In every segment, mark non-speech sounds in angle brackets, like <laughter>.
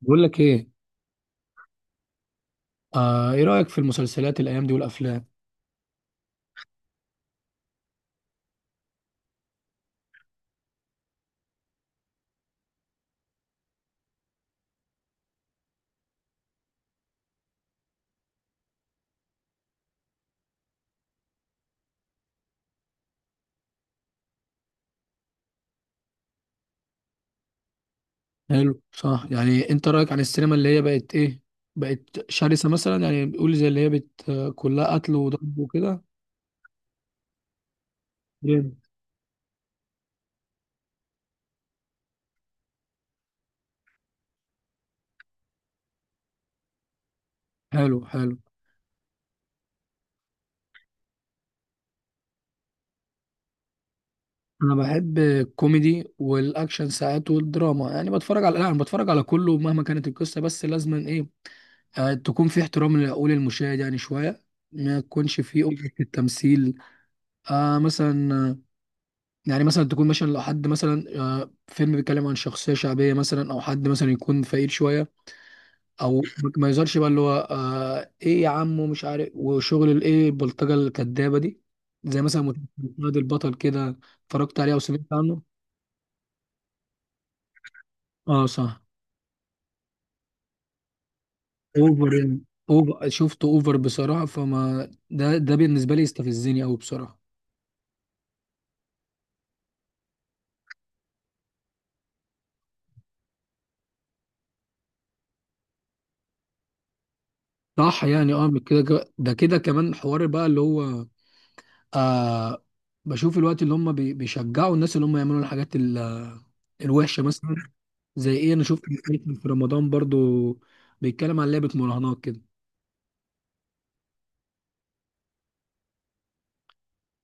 بقول لك ايه؟ ايه رأيك في المسلسلات الايام دي والافلام؟ حلو، صح. يعني انت رأيك عن السينما اللي هي بقت ايه؟ بقت شرسة مثلا، يعني بيقول زي اللي هي بت آه، كلها قتل وضرب وكده. جامد. حلو حلو. انا بحب الكوميدي والاكشن ساعات والدراما، يعني بتفرج على لا انا بتفرج على كله مهما كانت القصة، بس لازما ايه، تكون في احترام لعقول المشاهد يعني شوية. ما يكونش في اوفر في التمثيل. مثلا يعني مثلا تكون مثلا لو حد مثلا فيلم بيتكلم عن شخصية شعبية مثلا، أو حد مثلا يكون فقير شوية. أو ما يظهرش بقى اللي هو إيه يا عم ومش عارف وشغل الإيه البلطجة الكدابة دي. زي مثلا مسلسل فهد البطل كده. اتفرجت عليه أو سمعت عنه؟ أه، صح. أوفر يعني، أوفر، شفته أوفر بصراحة، فما ده بالنسبة لي يستفزني أوي بصراحة. صح. يعني من كده ده كده كمان حوار بقى اللي هو آه بشوف الوقت اللي هم بيشجعوا الناس اللي هم يعملوا الحاجات الوحشه مثلا. زي ايه؟ انا شفت فيلم في رمضان برضو بيتكلم عن لعبه مراهنات كده.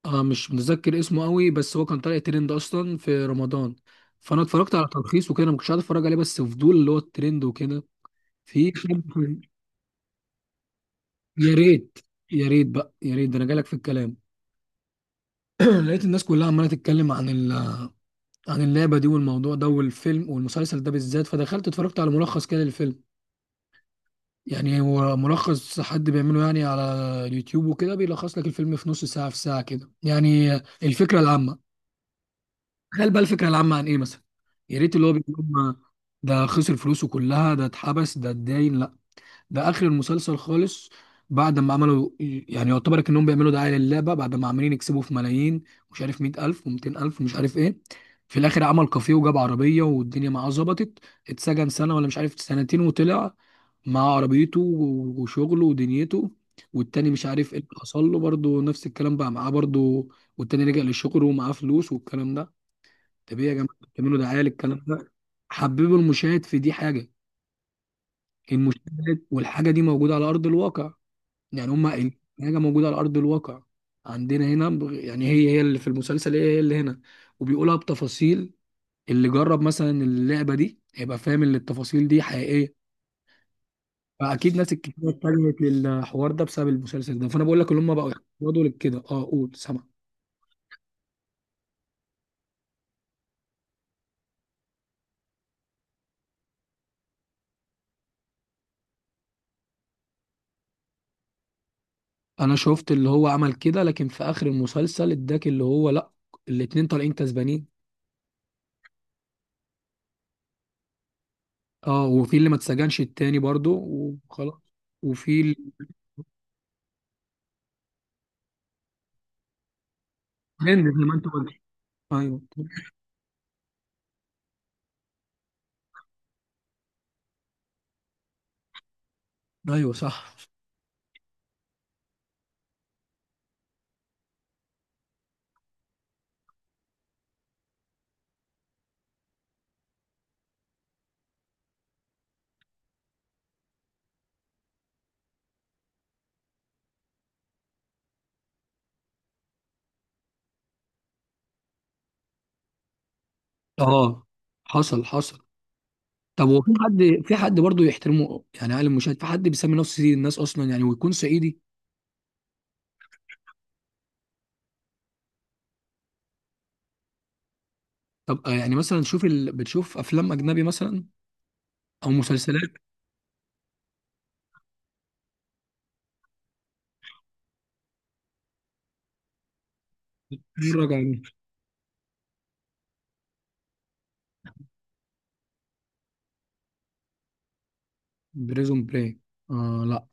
مش متذكر اسمه قوي، بس هو كان طالع ترند اصلا في رمضان. فانا اتفرجت على تلخيص وكده. أنا ما كنتش قاعد اتفرج عليه بس فضول اللي هو الترند وكده. في شاب- يا ريت. يا ريت بقى، يا ريت ده انا جالك في الكلام. <clears throat> لقيت الناس كلها عماله تتكلم عن اللعبه دي والموضوع ده والفيلم والمسلسل ده بالذات. فدخلت اتفرجت على ملخص كده للفيلم. يعني هو ملخص حد بيعمله يعني على اليوتيوب وكده، بيلخص لك الفيلم في نص ساعة، في ساعة كده يعني الفكرة العامة. تخيل بقى الفكرة العامة عن ايه مثلا؟ يا ريت اللي هو بيقول لهم ده خسر فلوسه كلها، ده اتحبس، ده اتداين. لا، ده اخر المسلسل خالص. بعد ما عملوا يعني يعتبر انهم بيعملوا دعاية للعبة، بعد ما عمالين يكسبوا في ملايين، مش عارف 100,000 و200000 ومش عارف ايه. في الاخر عمل كافيه وجاب عربية والدنيا معاه ظبطت. اتسجن سنة ولا مش عارف سنتين وطلع مع عربيته وشغله ودنيته. والتاني مش عارف ايه اللي حصل له برضه نفس الكلام بقى معاه برضه. والتاني رجع للشغل ومعاه فلوس والكلام ده. طب ايه يا جماعه، بتعملوا دعايه للكلام ده؟ حببوا المشاهد في دي حاجه، المشاهد والحاجه دي موجوده على ارض الواقع. يعني هما قايلين حاجه موجوده على ارض الواقع عندنا هنا يعني هي هي اللي في المسلسل، هي هي اللي هنا، وبيقولها بتفاصيل. اللي جرب مثلا اللعبه دي هيبقى فاهم ان التفاصيل دي حقيقيه. فاكيد ناس كتير اتجهت للحوار ده بسبب المسلسل ده. فانا بقول لك اللي هم بقوا يقعدوا لكده. اه، قول، سامع. انا شفت اللي هو عمل كده، لكن في اخر المسلسل اداك اللي هو لا، الاتنين طالعين كسبانين. اه، وفي اللي ما اتسجنش التاني برضو وخلاص. وفي ال- هند زي ما انت قلت. ايوه. ايوه، صح. اه، حصل، حصل. طب هو في حد برضه يحترمه يعني؟ عالم المشاهد في حد بيسمي نفسه سيد الناس اصلا يعني، ويكون صعيدي؟ طب يعني مثلا بتشوف افلام اجنبي مثلا، او مسلسلات؟ مرة كان بريزون بري. لا.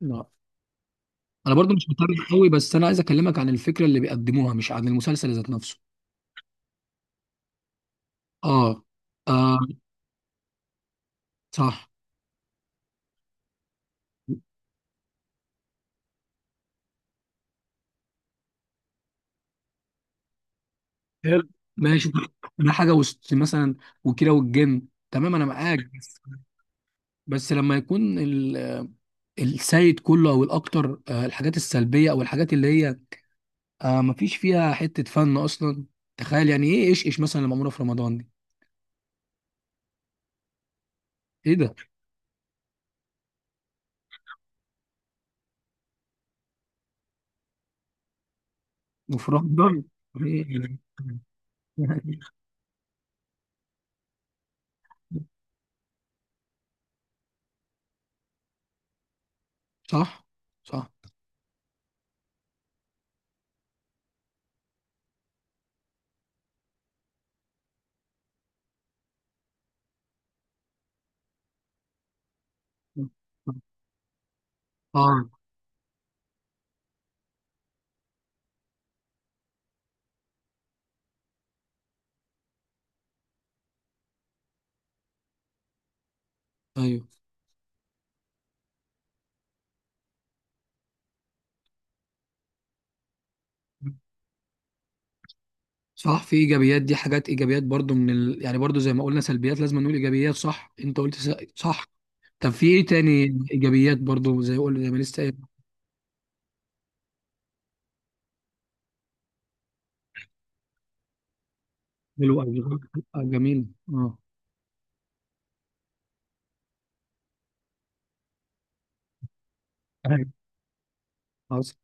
لا، انا برضو مش متابع قوي، بس انا عايز اكلمك عن الفكرة اللي بيقدموها مش عن المسلسل ذات نفسه. اه، اه، صح. حلو. ماشي. ده حاجة وسط مثلا. وكيرة والجن، تمام، انا معاك. بس بس لما يكون السيد كله او الاكتر الحاجات السلبية، او الحاجات اللي هي مفيش فيها حتة فن اصلا. تخيل يعني، ايه ايش ايش مثلا اللي معمولة في رمضان دي. ايه ده! وفي رمضان! إيه يعني؟ <laughs> صح، صح. اه، ايوه، صح. في ايجابيات، دي حاجات ايجابيات برضو يعني برضو زي ما قلنا سلبيات لازم نقول ايجابيات. صح انت قلت صح. طب في ايه تاني ايجابيات برضو، زي قول زي ما لسه قايل. حلو أوي. جميل. اه. أيوة. خلاص.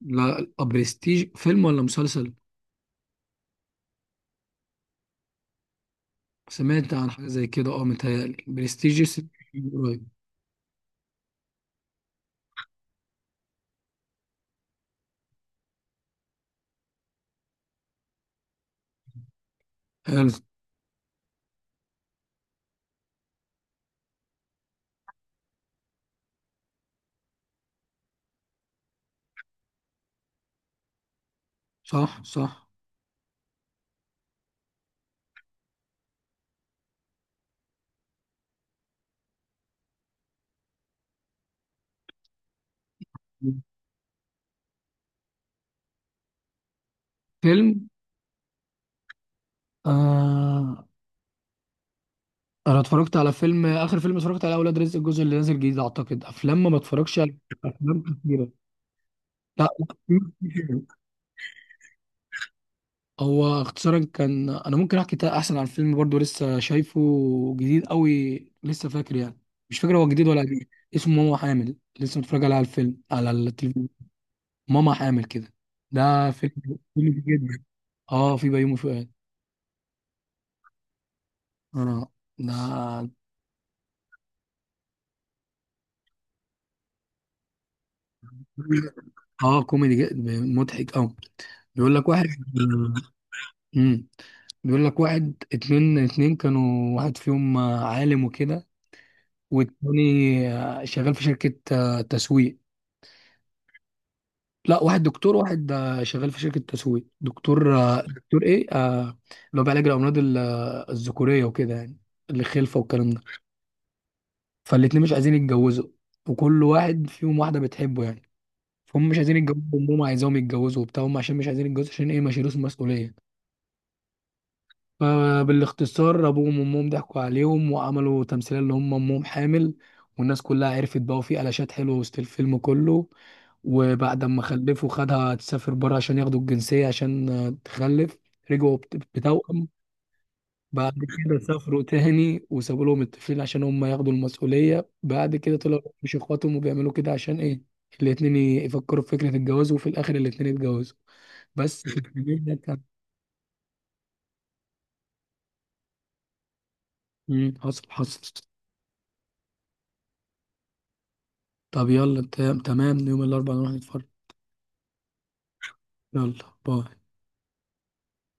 لا، برستيج فيلم ولا مسلسل؟ سمعت عن حاجه زي كده. اه، متهيألي برستيج قريب. حلو. صح، صح. فيلم؟ آه انا اتفرجت على فيلم، اخر فيلم اتفرجت على اولاد رزق الجزء اللي نازل جديد اعتقد. افلام ما بتفرجش على افلام كتيره. لا لا، في فيلم. هو اختصارا كان، انا ممكن احكي احسن عن فيلم برضو لسه شايفه، جديد قوي لسه فاكر يعني. مش فاكر هو جديد ولا قديم. اسمه ماما حامل لسه متفرج عليه على الفيلم على التلفزيون. ماما حامل كده. ده فيلم كوميدي جدا. اه، في بيومي فؤاد. اه. ده اه كوميدي جدا، مضحك قوي. بيقول لك واحد. امم بيقول لك واحد اتنين، اتنين كانوا، واحد فيهم عالم وكده. والتاني شغال في شركة تسويق. لا، واحد دكتور، واحد شغال في شركة تسويق. دكتور، دكتور ايه، اللي هو بيعالج الأمراض الذكورية وكده يعني، الخلفة والكلام ده. فالاتنين مش عايزين يتجوزوا، وكل واحد فيهم واحدة بتحبه يعني. فهم مش عايزين يتجوزوا، وأمهم عايزاهم يتجوزوا وبتاع هم، عشان مش عايزين يتجوزوا عشان ايه، ما يشيلوش المسؤولية. فبالاختصار ابوهم وامهم ضحكوا عليهم وعملوا تمثيليه اللي هم امهم حامل. والناس كلها عرفت بقى، وفي قلاشات حلوه وسط الفيلم كله. وبعد ما خلفوا خدها تسافر بره عشان ياخدوا الجنسيه، عشان تخلف. رجعوا بتوأم. بعد كده سافروا تاني وسابوا لهم الطفلين عشان هم ياخدوا المسؤوليه. بعد كده طلعوا مش اخواتهم، وبيعملوا كده عشان ايه، الاتنين يفكروا في فكره الجواز. وفي الاخر الاتنين اتجوزوا بس. <laughs> الفيلم ده كان. مم، حصل، حصل. طب يلا، تمام يوم الأربعاء نروح نتفرج. يلا، باي.